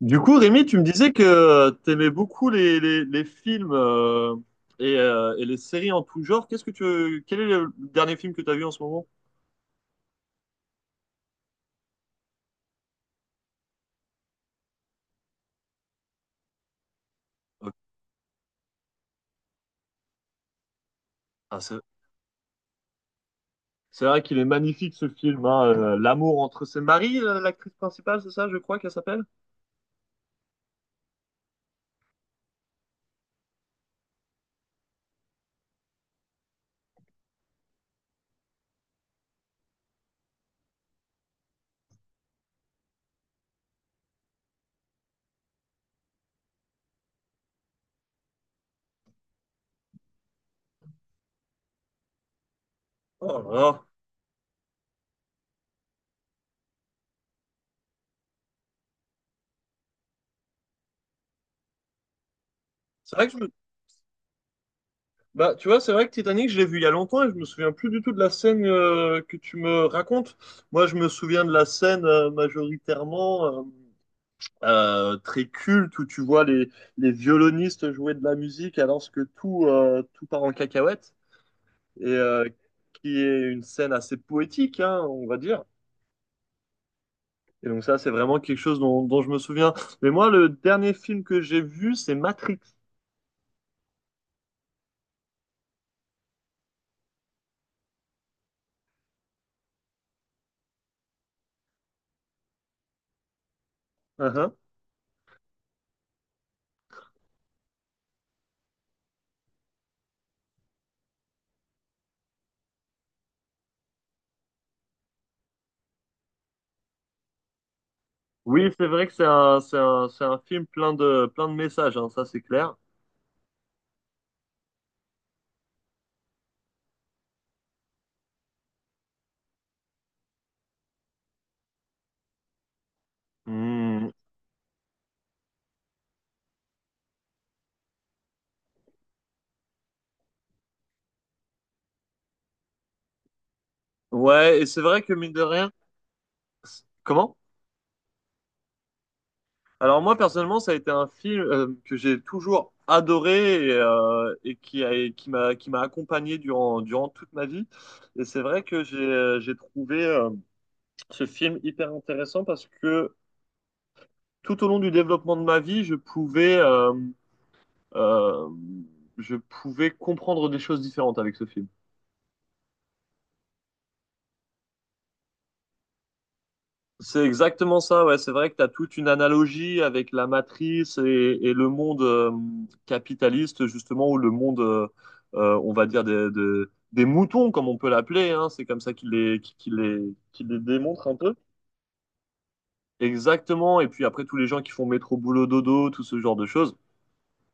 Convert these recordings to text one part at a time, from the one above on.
Du coup, Rémi, tu me disais que tu aimais beaucoup les films et les séries en tout genre. Quel est le dernier film que tu as vu en ce moment? Euh, ah, c'est vrai qu'il est magnifique ce film, hein, L'amour entre ses maris, l'actrice principale, c'est ça, je crois qu'elle s'appelle? Oh là là. C'est vrai que je me- Bah, tu vois, c'est vrai que Titanic, je l'ai vu il y a longtemps et je me souviens plus du tout de la scène que tu me racontes. Moi, je me souviens de la scène majoritairement. Très culte où tu vois les violonistes jouer de la musique alors que tout part en cacahuète et qui est une scène assez poétique, hein, on va dire. Et donc ça, c'est vraiment quelque chose dont je me souviens. Mais moi, le dernier film que j'ai vu, c'est Matrix. Uh-huh. Oui, c'est vrai que c'est un film plein de messages, hein, ça c'est clair. Hmm. Ouais, et c'est vrai que mine de rien... Comment? Alors moi personnellement, ça a été un film que j'ai toujours adoré et qui m'a accompagné durant toute ma vie. Et c'est vrai que j'ai trouvé ce film hyper intéressant parce que tout au long du développement de ma vie, euh, je pouvais comprendre des choses différentes avec ce film. C'est exactement ça, ouais. C'est vrai que tu as toute une analogie avec la matrice et le monde capitaliste, justement, ou le monde, on va dire, des moutons, comme on peut l'appeler, hein. C'est comme ça qu'il les démontre un peu. Exactement. Et puis après, tous les gens qui font métro, boulot, dodo, tout ce genre de choses.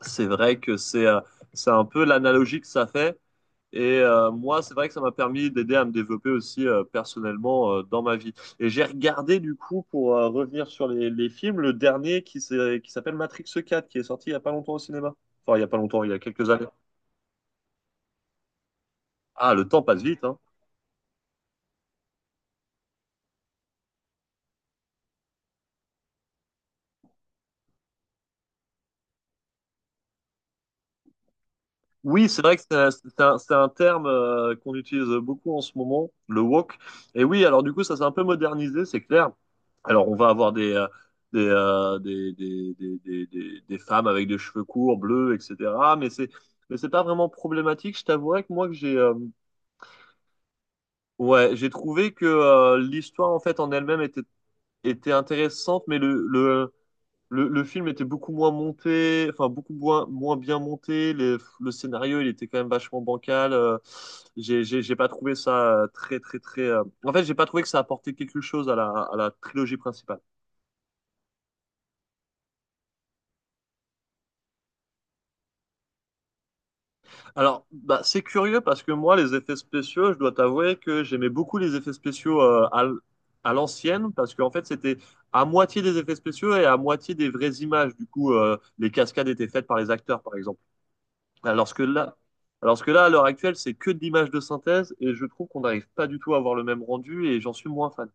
C'est vrai que c'est un peu l'analogie que ça fait. Et moi, c'est vrai que ça m'a permis d'aider à me développer aussi personnellement dans ma vie. Et j'ai regardé du coup, pour revenir sur les films, le dernier qui s'appelle Matrix 4, qui est sorti il y a pas longtemps au cinéma. Enfin, il y a pas longtemps, il y a quelques années. Ah, le temps passe vite, hein. Oui, c'est vrai que c'est un terme qu'on utilise beaucoup en ce moment, le woke. Et oui, alors du coup, ça s'est un peu modernisé, c'est clair. Alors, on va avoir des, euh, des, des, des, des femmes avec des cheveux courts, bleus, etc. Mais c'est, mais c'est pas vraiment problématique. Je t'avouerais que moi, ouais, j'ai trouvé que l'histoire en fait en elle-même était intéressante, mais le film était beaucoup moins monté, enfin beaucoup moins bien monté. Le scénario, il était quand même vachement bancal. J'ai pas trouvé ça très, très, très. En fait, j'ai pas trouvé que ça apportait quelque chose à la trilogie principale. Alors, bah, c'est curieux parce que moi, les effets spéciaux, je dois t'avouer que j'aimais beaucoup les effets spéciaux à l'ancienne parce qu'en fait, c'était à moitié des effets spéciaux et à moitié des vraies images. Du coup, les cascades étaient faites par les acteurs, par exemple. Alors que là, alors que là, à l'heure actuelle, c'est que de l'image de synthèse et je trouve qu'on n'arrive pas du tout à avoir le même rendu et j'en suis moins fan.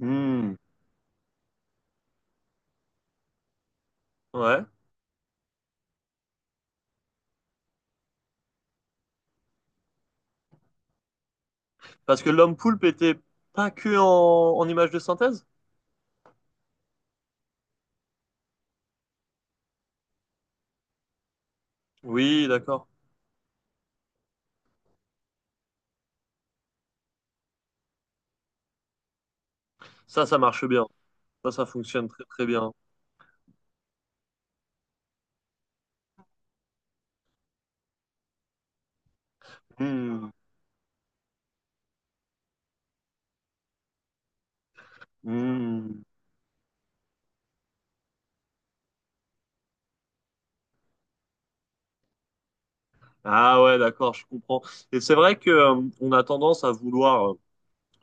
Hmm. Ouais. Parce que l'homme poulpe était pas que en image de synthèse? Oui, d'accord. Ça marche bien. Ça fonctionne très très bien. Hmm. Hmm. Ah ouais, d'accord, je comprends. Et c'est vrai que on a tendance à vouloir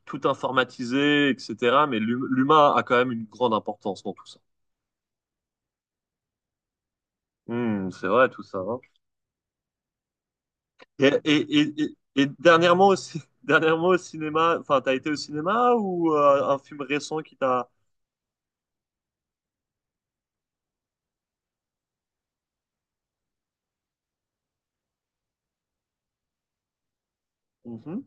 tout informatiser, etc. Mais l'humain a quand même une grande importance dans tout ça. Hmm, c'est vrai tout ça. Hein. Et dernièrement aussi, dernièrement au cinéma, enfin, t'as été au cinéma ou un film récent qui t'a. Mhm.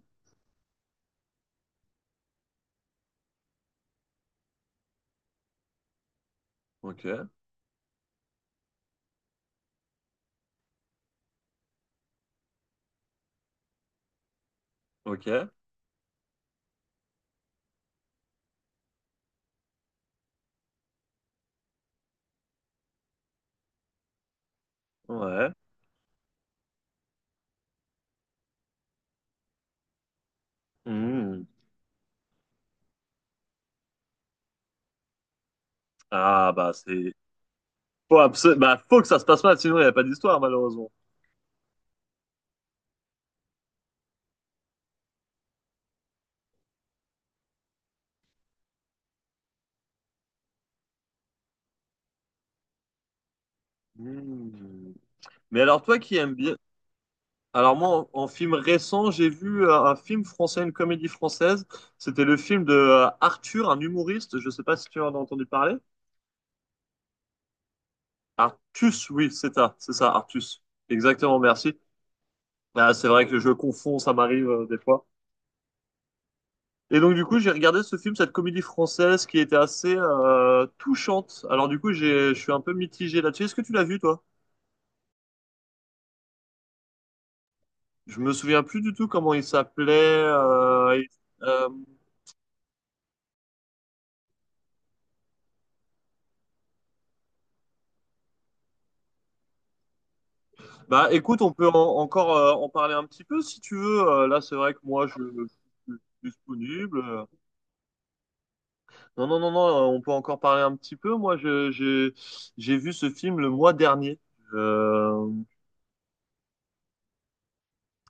Ok, ok, ouais. Mhm. Ah, bah, c'est. Bah, faut que ça se passe mal, sinon il n'y a pas d'histoire, malheureusement. Mhm. Mais alors, toi qui aimes bien. Alors, moi, en film récent, j'ai vu un film français, une comédie française. C'était le film de Arthur, un humoriste. Je sais pas si tu en as entendu parler. Artus, oui, c'est ça, Artus. Exactement, merci. Ah, c'est vrai que je confonds, ça m'arrive des fois. Et donc du coup, j'ai regardé ce film, cette comédie française qui était assez touchante. Alors du coup, je suis un peu mitigé là-dessus. Est-ce que tu l'as vu, toi? Je me souviens plus du tout comment il s'appelait. Euh, bah, écoute, on peut encore en parler un petit peu si tu veux. Là, c'est vrai que moi, je suis disponible. Non, non, non, non. On peut encore parler un petit peu. Moi, j'ai vu ce film le mois dernier. Euh,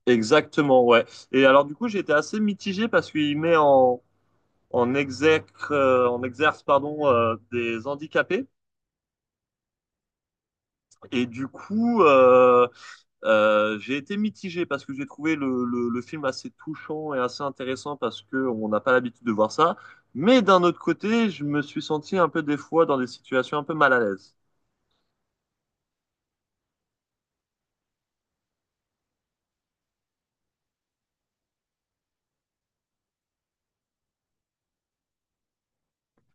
Exactement, ouais. Et alors du coup, j'ai été assez mitigé parce qu'il met en exerce, en exerce pardon, des handicapés. Et du coup, j'ai été mitigé parce que j'ai trouvé le film assez touchant et assez intéressant parce que on n'a pas l'habitude de voir ça. Mais d'un autre côté, je me suis senti un peu des fois dans des situations un peu mal à l'aise.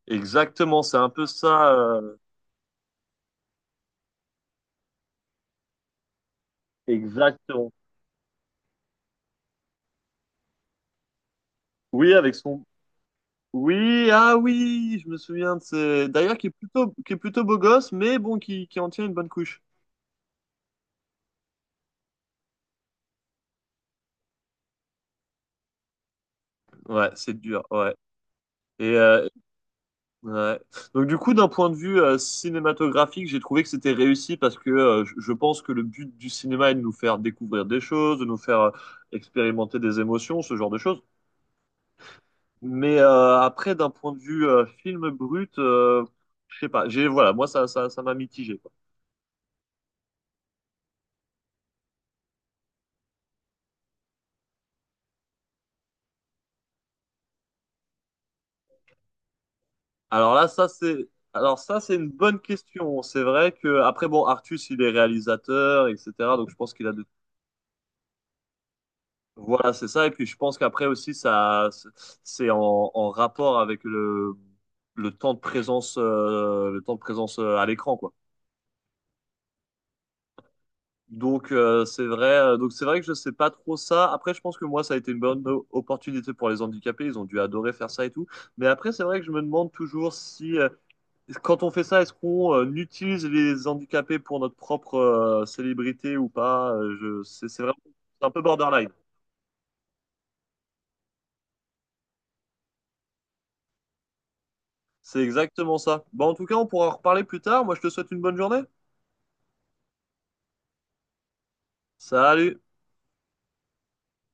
Exactement, c'est un peu ça. Exactement. Oui, avec son. Oui, ah oui, je me souviens de ce... D'ailleurs, qui est plutôt beau gosse, mais bon, qui en tient une bonne couche. Ouais, c'est dur, ouais. Et euh, ouais. Donc du coup, d'un point de vue cinématographique, j'ai trouvé que c'était réussi parce que je pense que le but du cinéma est de nous faire découvrir des choses, de nous faire expérimenter des émotions, ce genre de choses. Mais après, d'un point de vue film brut, je sais pas. J'ai Voilà, moi ça m'a mitigé. Alors là, ça c'est, alors ça c'est une bonne question. C'est vrai que après bon, Artus il est réalisateur, etc. Donc je pense qu'il a de... Voilà, c'est ça. Et puis je pense qu'après aussi ça, c'est en rapport avec le temps de présence, à l'écran quoi. Donc c'est vrai que je sais pas trop ça. Après, je pense que moi ça a été une bonne opportunité pour les handicapés. Ils ont dû adorer faire ça et tout. Mais après, c'est vrai que je me demande toujours si Quand on fait ça, est-ce qu'on utilise les handicapés pour notre propre célébrité ou pas? C'est vraiment c'est un peu borderline. C'est exactement ça. Bon, en tout cas, on pourra en reparler plus tard. Moi, je te souhaite une bonne journée. Salut!